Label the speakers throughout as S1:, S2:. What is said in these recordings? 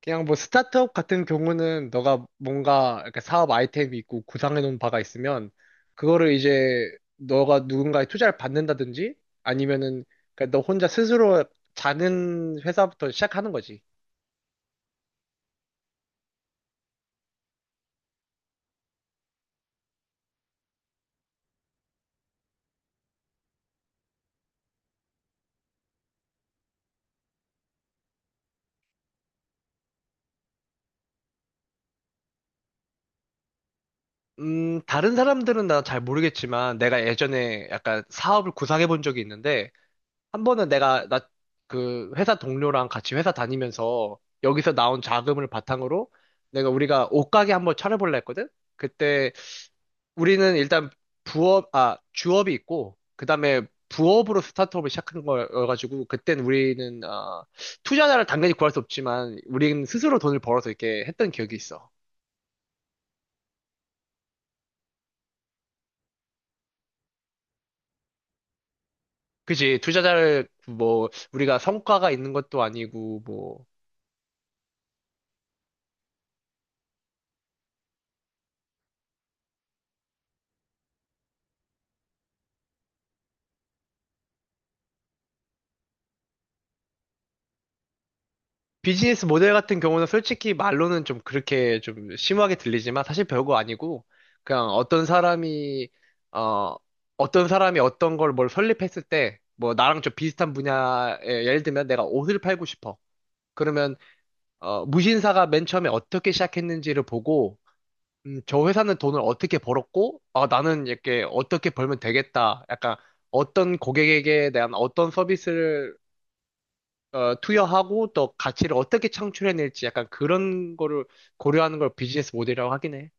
S1: 그냥 뭐 스타트업 같은 경우는 너가 뭔가 이렇게 사업 아이템이 있고 구상해 놓은 바가 있으면, 그거를 이제 너가 누군가의 투자를 받는다든지, 아니면은 그러니까 너 혼자 스스로 자는 회사부터 시작하는 거지. 다른 사람들은 나 잘 모르겠지만, 내가 예전에 약간 사업을 구상해 본 적이 있는데, 한 번은 내가 나 그 회사 동료랑 같이 회사 다니면서 여기서 나온 자금을 바탕으로 내가 우리가 옷가게 한번 차려볼라 했거든? 그때 우리는 일단 주업이 있고, 그 다음에 부업으로 스타트업을 시작한 거여가지고, 그땐 우리는 투자자를 당연히 구할 수 없지만, 우리는 스스로 돈을 벌어서 이렇게 했던 기억이 있어. 그지? 투자자를, 뭐, 우리가 성과가 있는 것도 아니고, 뭐. 비즈니스 모델 같은 경우는 솔직히 말로는 좀 그렇게 좀 심하게 들리지만, 사실 별거 아니고 그냥 어 어떤 사람이 어떤 걸 뭘 설립했을 때, 뭐 나랑 좀 비슷한 분야에, 예를 들면 내가 옷을 팔고 싶어. 그러면 무신사가 맨 처음에 어떻게 시작했는지를 보고, 저 회사는 돈을 어떻게 벌었고, 아 나는 이렇게 어떻게 벌면 되겠다, 약간 어떤 고객에게 대한 어떤 서비스를 투여하고, 또 가치를 어떻게 창출해낼지, 약간 그런 거를 고려하는 걸 비즈니스 모델이라고 하긴 해.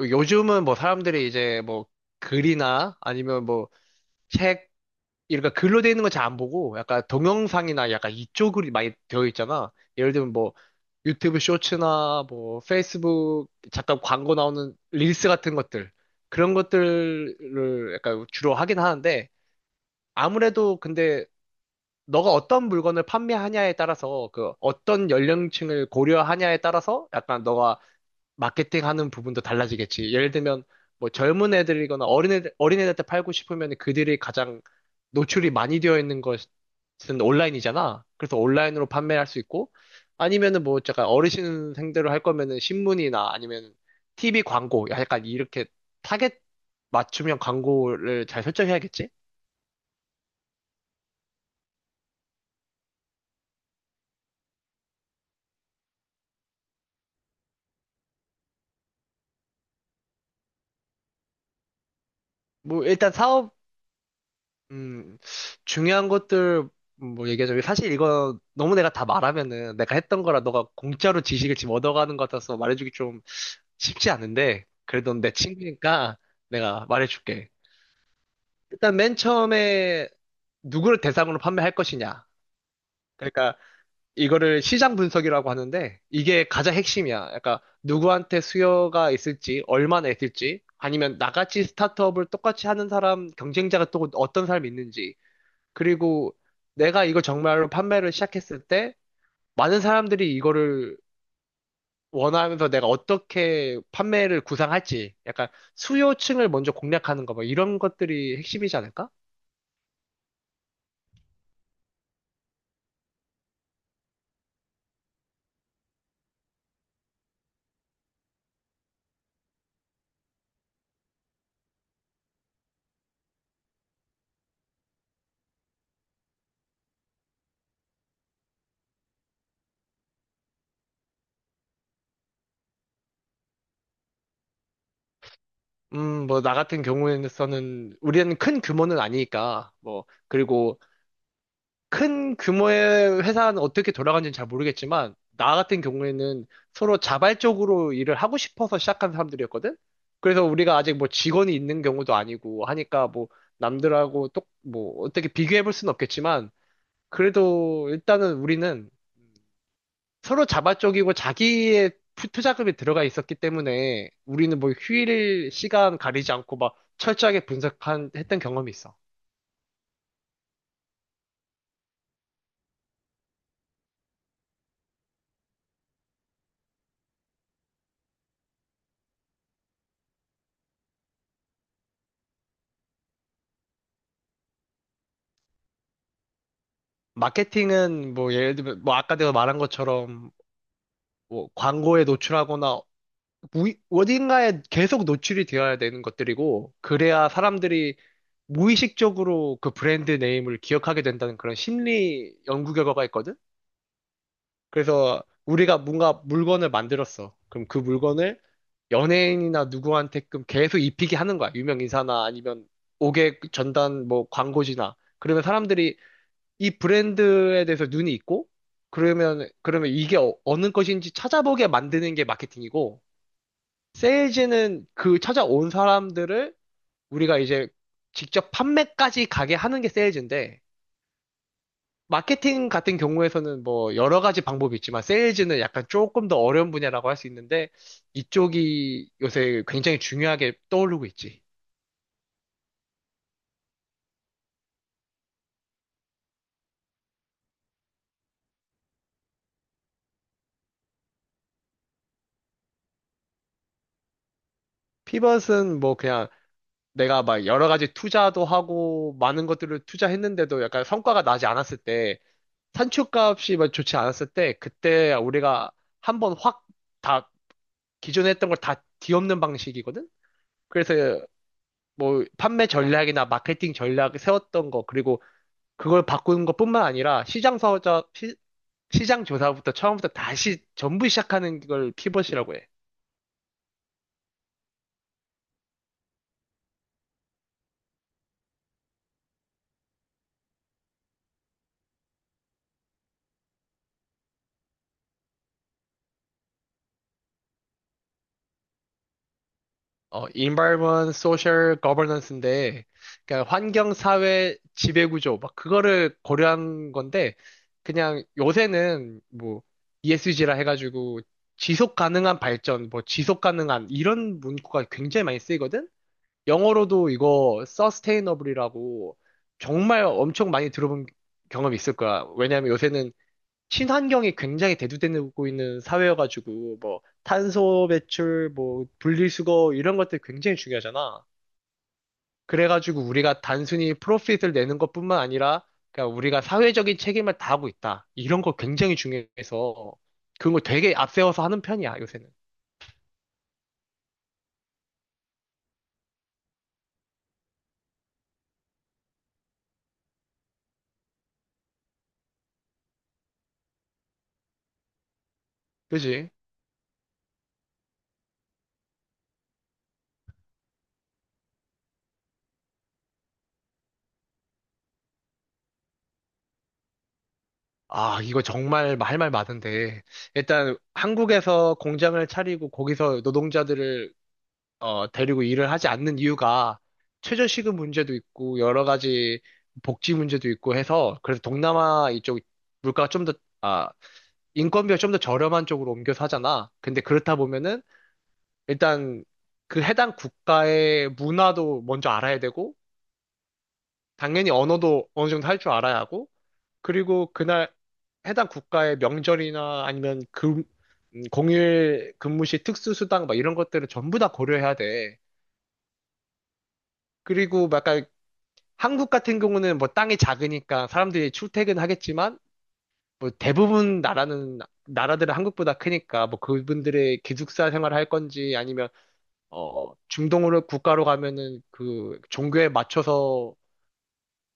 S1: 요즘은 뭐 사람들이 이제 뭐 글이나 아니면 뭐 책, 그러니까 글로 되어 있는 거 잘 안 보고 약간 동영상이나 약간 이쪽으로 많이 되어 있잖아. 예를 들면 뭐 유튜브 쇼츠나 뭐 페이스북 잠깐 광고 나오는 릴스 같은 것들, 그런 것들을 약간 주로 하긴 하는데, 아무래도 근데 너가 어떤 물건을 판매하냐에 따라서, 그 어떤 연령층을 고려하냐에 따라서 약간 너가 마케팅하는 부분도 달라지겠지. 예를 들면 뭐 젊은 애들이거나 어린애들한테 팔고 싶으면, 그들이 가장 노출이 많이 되어 있는 것은 온라인이잖아. 그래서 온라인으로 판매할 수 있고, 아니면은 뭐 약간 어르신 생대로 할 거면은 신문이나 아니면 TV 광고 약간 이렇게 타겟 맞춤형 광고를 잘 설정해야겠지. 뭐 일단 사업, 음, 중요한 것들, 뭐 얘기하자면, 사실 이거 너무 내가 다 말하면은 내가 했던 거라 너가 공짜로 지식을 지금 얻어가는 것 같아서 말해주기 좀 쉽지 않은데, 그래도 내 친구니까 내가 말해줄게. 일단 맨 처음에 누구를 대상으로 판매할 것이냐. 그러니까 이거를 시장 분석이라고 하는데, 이게 가장 핵심이야. 그러니까 누구한테 수요가 있을지, 얼마나 있을지, 아니면 나같이 스타트업을 똑같이 하는 사람, 경쟁자가 또 어떤 사람이 있는지. 그리고 내가 이걸 정말로 판매를 시작했을 때 많은 사람들이 이거를 원하면서 내가 어떻게 판매를 구상할지, 약간 수요층을 먼저 공략하는 거, 뭐 이런 것들이 핵심이지 않을까? 뭐 나 같은 경우에는 우리는 큰 규모는 아니니까, 뭐 그리고 큰 규모의 회사는 어떻게 돌아가는지는 잘 모르겠지만, 나 같은 경우에는 서로 자발적으로 일을 하고 싶어서 시작한 사람들이었거든? 그래서 우리가 아직 뭐 직원이 있는 경우도 아니고 하니까, 뭐 남들하고 뭐 어떻게 비교해 볼 수는 없겠지만, 그래도 일단은 우리는 서로 자발적이고 자기의 투자금이 들어가 있었기 때문에, 우리는 뭐 휴일 시간 가리지 않고 막 철저하게 했던 경험이 있어. 마케팅은, 뭐 예를 들면 뭐 아까 내가 말한 것처럼, 뭐 광고에 노출하거나 어딘가에 계속 노출이 되어야 되는 것들이고, 그래야 사람들이 무의식적으로 그 브랜드 네임을 기억하게 된다는 그런 심리 연구 결과가 있거든. 그래서 우리가 뭔가 물건을 만들었어. 그럼 그 물건을 연예인이나 누구한테끔 계속 입히게 하는 거야. 유명 인사나 아니면 옥외 전단 뭐 광고지나. 그러면 사람들이 이 브랜드에 대해서 눈이 있고, 그러면 이게 어느 것인지 찾아보게 만드는 게 마케팅이고, 세일즈는 그 찾아온 사람들을 우리가 이제 직접 판매까지 가게 하는 게 세일즈인데, 마케팅 같은 경우에서는 뭐 여러 가지 방법이 있지만, 세일즈는 약간 조금 더 어려운 분야라고 할 수 있는데, 이쪽이 요새 굉장히 중요하게 떠오르고 있지. 피벗은 뭐 그냥 내가 막 여러 가지 투자도 하고, 많은 것들을 투자했는데도 약간 성과가 나지 않았을 때, 산출값이 막 좋지 않았을 때, 그때 우리가 한번 확다 기존에 했던 걸 다 뒤엎는 방식이거든? 그래서 뭐 판매 전략이나 마케팅 전략 세웠던 거, 그리고 그걸 바꾸는 것뿐만 아니라 시장 조사부터 처음부터 다시 전부 시작하는 걸 피벗이라고 해. Environment, social, governance인데, 그러니까 환경, 사회, 지배구조, 막 그거를 고려한 건데, 그냥 요새는 뭐 ESG라 해가지고 지속 가능한 발전, 뭐 지속 가능한 이런 문구가 굉장히 많이 쓰이거든? 영어로도 이거 서스테이너블이라고 정말 엄청 많이 들어본 경험이 있을 거야. 왜냐하면 요새는 친환경이 굉장히 대두되고 있는 사회여가지고, 뭐 탄소 배출, 뭐 분리수거 이런 것들 굉장히 중요하잖아. 그래가지고 우리가 단순히 프로핏을 내는 것뿐만 아니라, 그러니까 우리가 사회적인 책임을 다하고 있다, 이런 거 굉장히 중요해서 그런 거 되게 앞세워서 하는 편이야, 요새는. 그지? 아, 이거 정말 할 말 많은데. 일단 한국에서 공장을 차리고 거기서 노동자들을 데리고 일을 하지 않는 이유가, 최저시급 문제도 있고 여러 가지 복지 문제도 있고 해서, 그래서 동남아 이쪽 물가가 좀 더, 아, 인건비가 좀 더 저렴한 쪽으로 옮겨서 하잖아. 근데 그렇다 보면은 일단 그 해당 국가의 문화도 먼저 알아야 되고, 당연히 언어도 어느 정도 할 줄 알아야 하고, 그리고 그날 해당 국가의 명절이나 아니면 공휴일 근무 시 특수수당 막 이런 것들을 전부 다 고려해야 돼. 그리고 막 약간 한국 같은 경우는 뭐 땅이 작으니까 사람들이 출퇴근하겠지만, 뭐 대부분 나라는 나라들은 한국보다 크니까 뭐 그분들의 기숙사 생활을 할 건지, 아니면 중동으로 국가로 가면은 그 종교에 맞춰서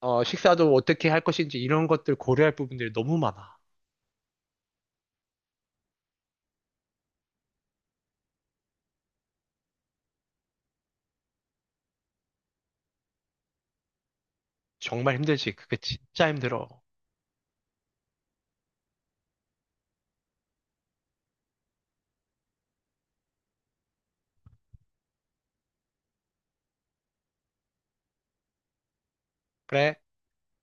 S1: 식사도 어떻게 할 것인지, 이런 것들 고려할 부분들이 너무 많아. 정말 힘들지. 그게 진짜 힘들어. 그래